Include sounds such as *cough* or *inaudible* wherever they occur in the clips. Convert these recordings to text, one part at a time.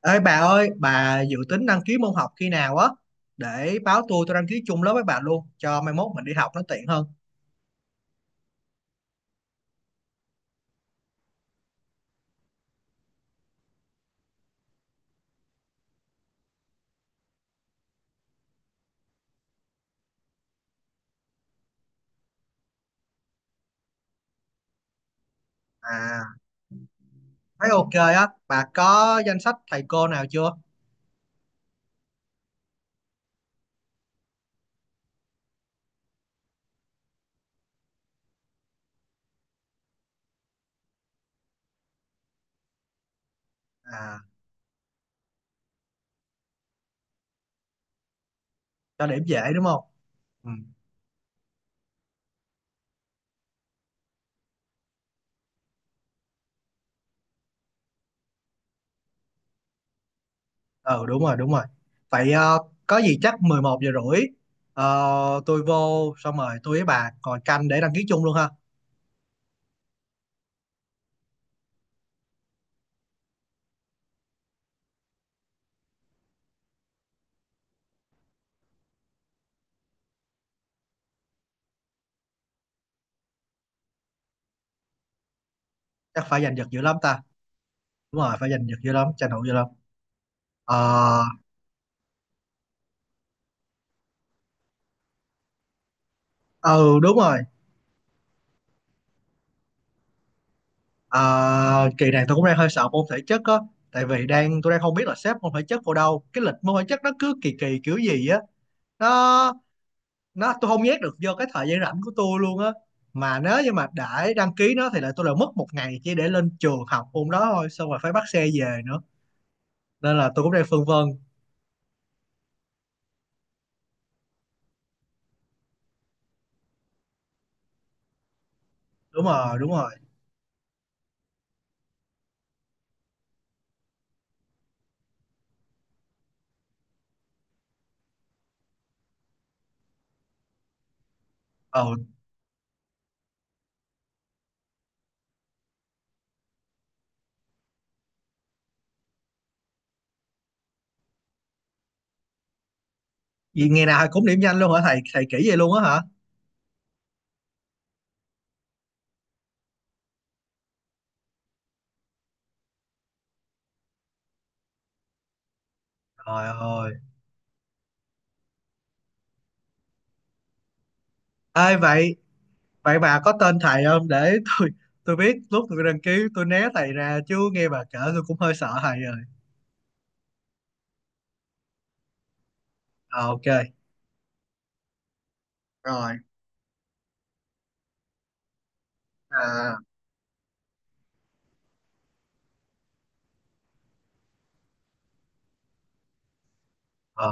Ê bà ơi, bà dự tính đăng ký môn học khi nào á? Để báo tôi đăng ký chung lớp với bà luôn, cho mai mốt mình đi học nó tiện hơn. À, thấy ok á, bà có danh sách thầy cô nào chưa? À, cho điểm dễ đúng không? Ừ, ừ, đúng rồi, đúng rồi. Vậy, có gì chắc 11 giờ rưỡi, tôi vô xong rồi tôi với bà còn canh để đăng ký chung luôn ha. Chắc phải giành giật dữ lắm ta. Đúng rồi, phải giành giật dữ lắm, tranh thủ dữ lắm. Ờ, ừ đúng rồi. À, kỳ này tôi cũng đang hơi sợ môn thể chất á, tại vì tôi đang không biết là xếp môn thể chất vào đâu, cái lịch môn thể chất nó cứ kỳ kỳ kiểu gì á. Nó nó tôi không nhét được vô cái thời gian rảnh của tôi luôn á. Mà nếu như mà đã đăng ký nó thì lại tôi lại mất một ngày chỉ để lên trường học môn đó thôi, xong rồi phải bắt xe về nữa, nên là tôi cũng đang phân vân. Đúng rồi, đúng rồi. ờ Vì ngày nào cũng điểm nhanh luôn hả, thầy thầy kỹ vậy luôn á hả? Trời ơi. Ê vậy Vậy bà có tên thầy không để *laughs* tôi biết lúc tôi đăng ký tôi né thầy ra, chứ nghe bà kể tôi cũng hơi sợ thầy rồi. Ờ, ok. Rồi. À, ờ,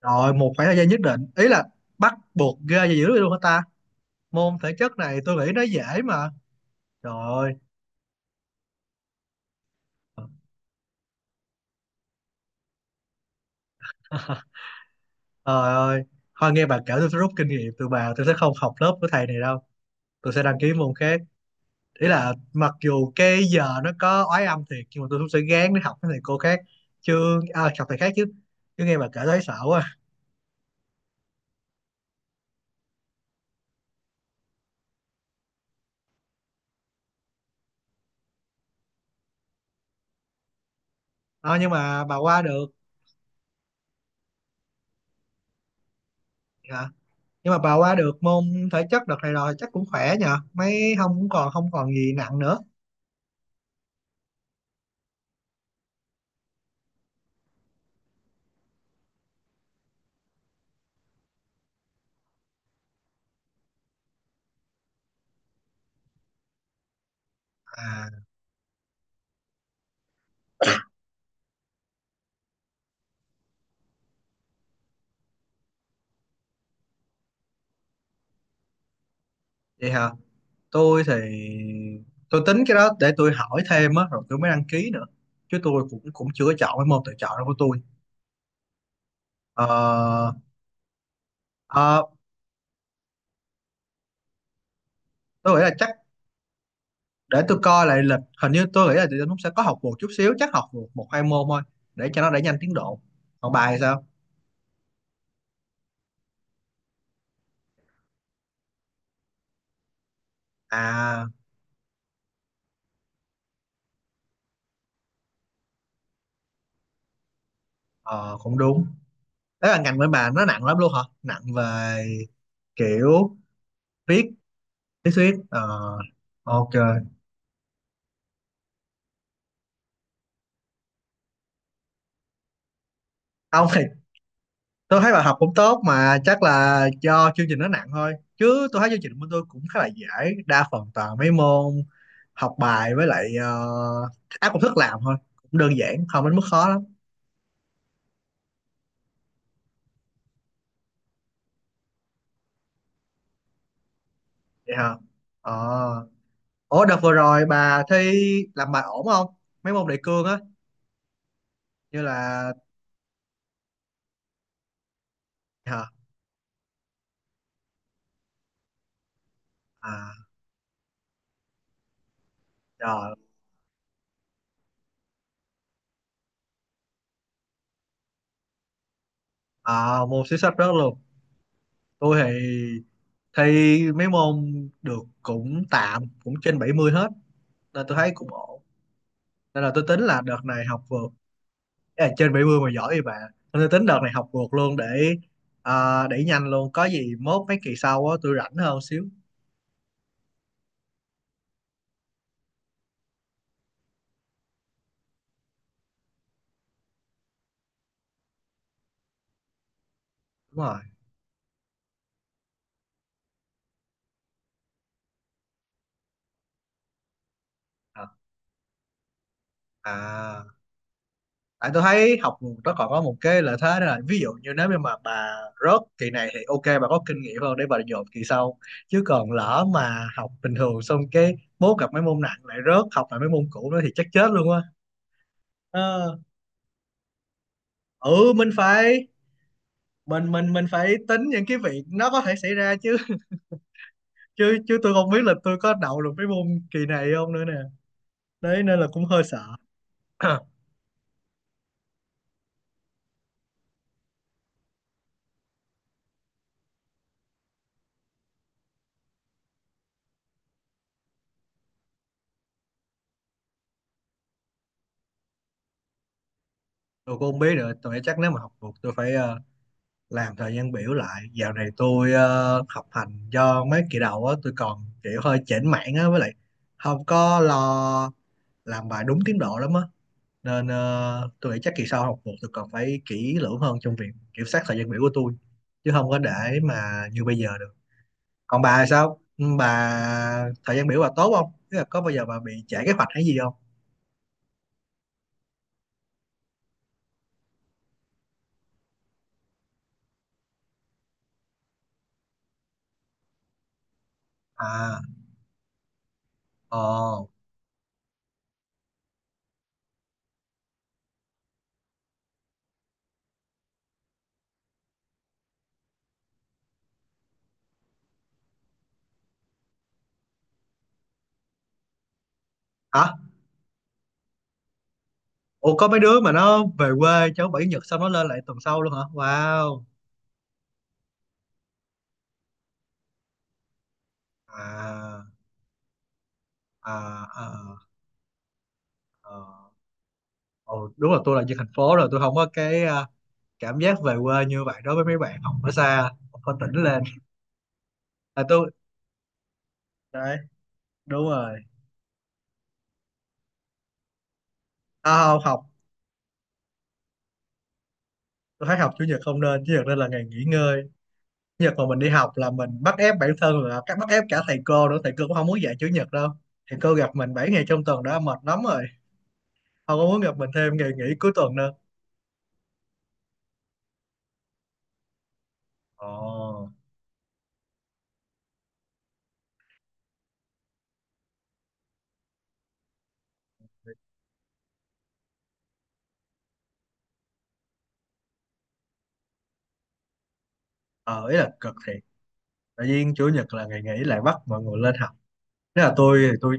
rồi một khoảng thời gian nhất định. Ý là bắt buộc ra gì dữ vậy luôn hả ta? Môn thể chất này tôi nghĩ nó dễ mà. Trời ơi. Trời ơi. Thôi nghe bà kể tôi sẽ rút kinh nghiệm từ bà, tôi sẽ không học lớp của thầy này đâu. Tôi sẽ đăng ký môn khác. Ý là mặc dù cái giờ nó có oái âm thiệt, nhưng mà tôi cũng sẽ gán để học với thầy cô khác chứ. À, học thầy khác chứ chứ nghe bà kể thấy sợ quá. À, hả nhưng mà bà qua được môn thể chất đợt này rồi chắc cũng khỏe, nhờ mấy không cũng còn, không còn gì nặng nữa. À, vậy hả. Tôi thì tôi tính cái đó để tôi hỏi thêm á, rồi tôi mới đăng ký nữa, chứ tôi cũng cũng chưa có chọn cái môn tự chọn đó của tôi. Ờ, ờ, tôi nghĩ là chắc để tôi coi lại lịch. Hình như tôi nghĩ là tụi tôi cũng sẽ có học vượt chút xíu, chắc học vượt một hai môn thôi để cho nó đẩy nhanh tiến độ. Còn bài thì sao? À, ờ, cũng đúng. Đấy là ngành bên bà nó nặng lắm luôn hả, nặng về kiểu viết lý thuyết? Ờ ok. Ông thì tôi thấy bà học cũng tốt mà, chắc là do chương trình nó nặng thôi, chứ tôi thấy chương trình bên tôi cũng khá là dễ, đa phần toàn mấy môn học bài, với lại áp công thức làm thôi, cũng đơn giản, không đến mức khó lắm. Vậy hả? ờ Ủa đợt vừa rồi bà thi làm bài ổn không? Mấy môn đề cương á, như là hả? À, rồi. À, môn sử sách rớt luôn. Tôi thì thi mấy môn được cũng tạm, cũng trên 70 hết, nên tôi thấy cũng ổn. Nên là tôi tính là đợt này học vượt. Ý là trên 70 mà giỏi thì bà. Nên tôi tính đợt này học vượt luôn để, à, để nhanh luôn. Có gì mốt mấy kỳ sau á tôi rảnh hơn xíu. Đúng rồi. À, à. Tại tôi thấy học nó còn có một cái lợi thế đó là, ví dụ như nếu như mà bà rớt kỳ này thì ok, bà có kinh nghiệm hơn để bà dồn kỳ sau, chứ còn lỡ mà học bình thường xong cái bố gặp mấy môn nặng lại rớt học lại mấy môn cũ nữa thì chắc chết luôn á. Ờ, ừ mình phải tính những cái việc nó có thể xảy ra chứ. *laughs* chứ chứ tôi không biết là tôi có đậu được mấy môn kỳ này không nữa nè. Đấy nên là cũng hơi sợ. *clears throat* Tôi cũng không biết nữa, tôi nghĩ chắc nếu mà học được tôi phải, làm thời gian biểu lại. Dạo này tôi học hành do mấy kỳ đầu á tôi còn kiểu hơi chểnh mảng á, với lại không có lo làm bài đúng tiến độ lắm á, nên tôi nghĩ chắc kỳ sau học một tôi còn phải kỹ lưỡng hơn trong việc kiểm soát thời gian biểu của tôi, chứ không có để mà như bây giờ được. Còn bà sao? Ừ, bà thời gian biểu bà tốt không? Tức là có bao giờ bà bị trễ kế hoạch hay gì không? À, ồ, hả, ủa, có mấy đứa mà nó về quê cháu bảy nhật xong nó lên lại tuần sau luôn hả? Wow. À, à, à, à. Ồ, đúng là tôi là dân thành phố rồi, tôi không có cái, à, cảm giác về quê như vậy đối với mấy bạn học ở xa, học ở tỉnh lên. Là tôi đấy. Đúng rồi. À, không học. Tôi thấy học chủ nhật không nên, chủ nhật nên là ngày nghỉ ngơi. Chủ nhật mà mình đi học là mình bắt ép bản thân, là các bắt ép cả thầy cô nữa, thầy cô cũng không muốn dạy chủ nhật đâu. Thầy cô gặp mình 7 ngày trong tuần đã mệt lắm rồi, không có muốn gặp mình thêm ngày nghỉ cuối tuần nữa. Ồ. Ờ, ý là cực thiệt, tự nhiên chủ nhật là ngày nghỉ lại bắt mọi người lên học. Nếu là tôi thì tôi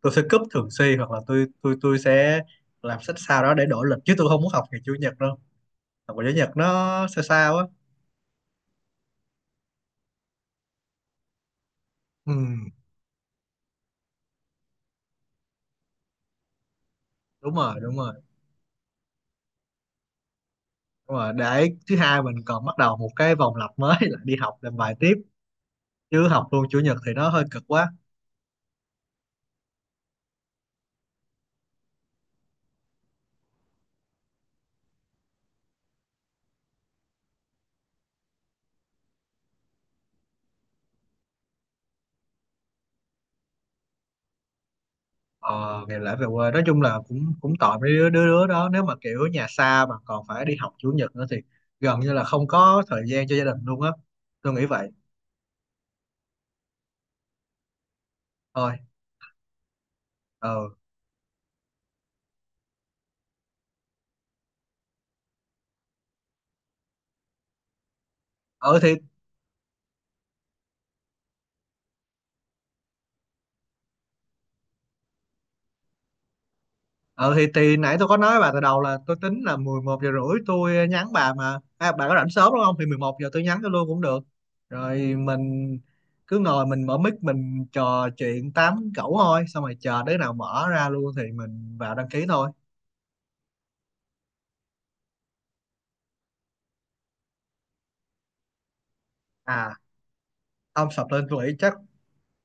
tôi sẽ cúp thường xuyên, hoặc là tôi sẽ làm sách sao đó để đổi lịch, chứ tôi không muốn học ngày chủ nhật đâu. Học ngày chủ nhật nó sao sao á. Ừ, đúng rồi, đúng rồi. Đúng rồi, để thứ hai mình còn bắt đầu một cái vòng lặp mới là đi học làm bài tiếp, chứ học luôn chủ nhật thì nó hơi cực quá. Ờ, Ngày lễ về quê nói chung là cũng cũng tội mấy đứa đứa đứa đó, nếu mà kiểu nhà xa mà còn phải đi học chủ nhật nữa thì gần như là không có thời gian cho gia đình luôn á. Tôi nghĩ vậy. Thôi. Ờ, ừ. Ờ thì, ừ thì nãy tôi có nói với bà từ đầu là tôi tính là 11 giờ rưỡi tôi nhắn bà mà. À, bà có rảnh sớm đúng không, thì 11 giờ tôi nhắn cho luôn cũng được. Rồi mình cứ ngồi mình mở mic mình trò chuyện tám cẩu thôi, xong rồi chờ đứa nào mở ra luôn thì mình vào đăng ký thôi. À, ông sập lên tôi nghĩ chắc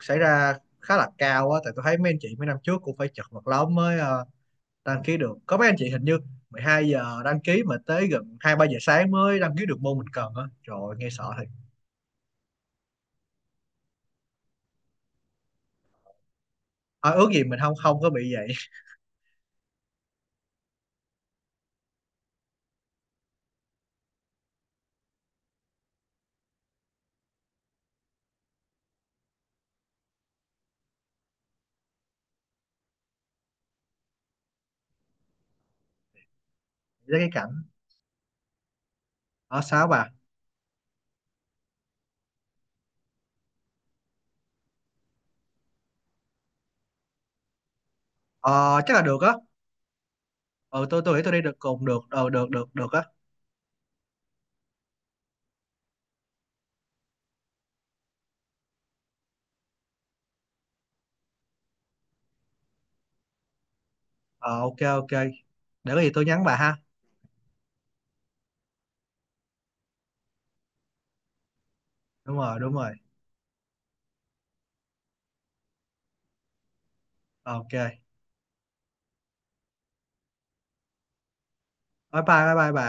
xảy ra khá là cao á, tại tôi thấy mấy anh chị mấy năm trước cũng phải chật vật lắm mới đăng ký được. Có mấy anh chị hình như 12 giờ đăng ký mà tới gần 2 3 giờ sáng mới đăng ký được môn mình cần á. Trời ơi, nghe sợ. Thôi ước gì mình không không có bị vậy. *laughs* Với cái cảnh ở sao bà. ờ, Chắc là được á. Ờ tôi nghĩ tôi đi được cùng được, được được được á. Ờ, ok, ok, để có gì tôi nhắn bà ha. Đúng rồi, đúng rồi. Ờ, ok, bye bye bye bye bà.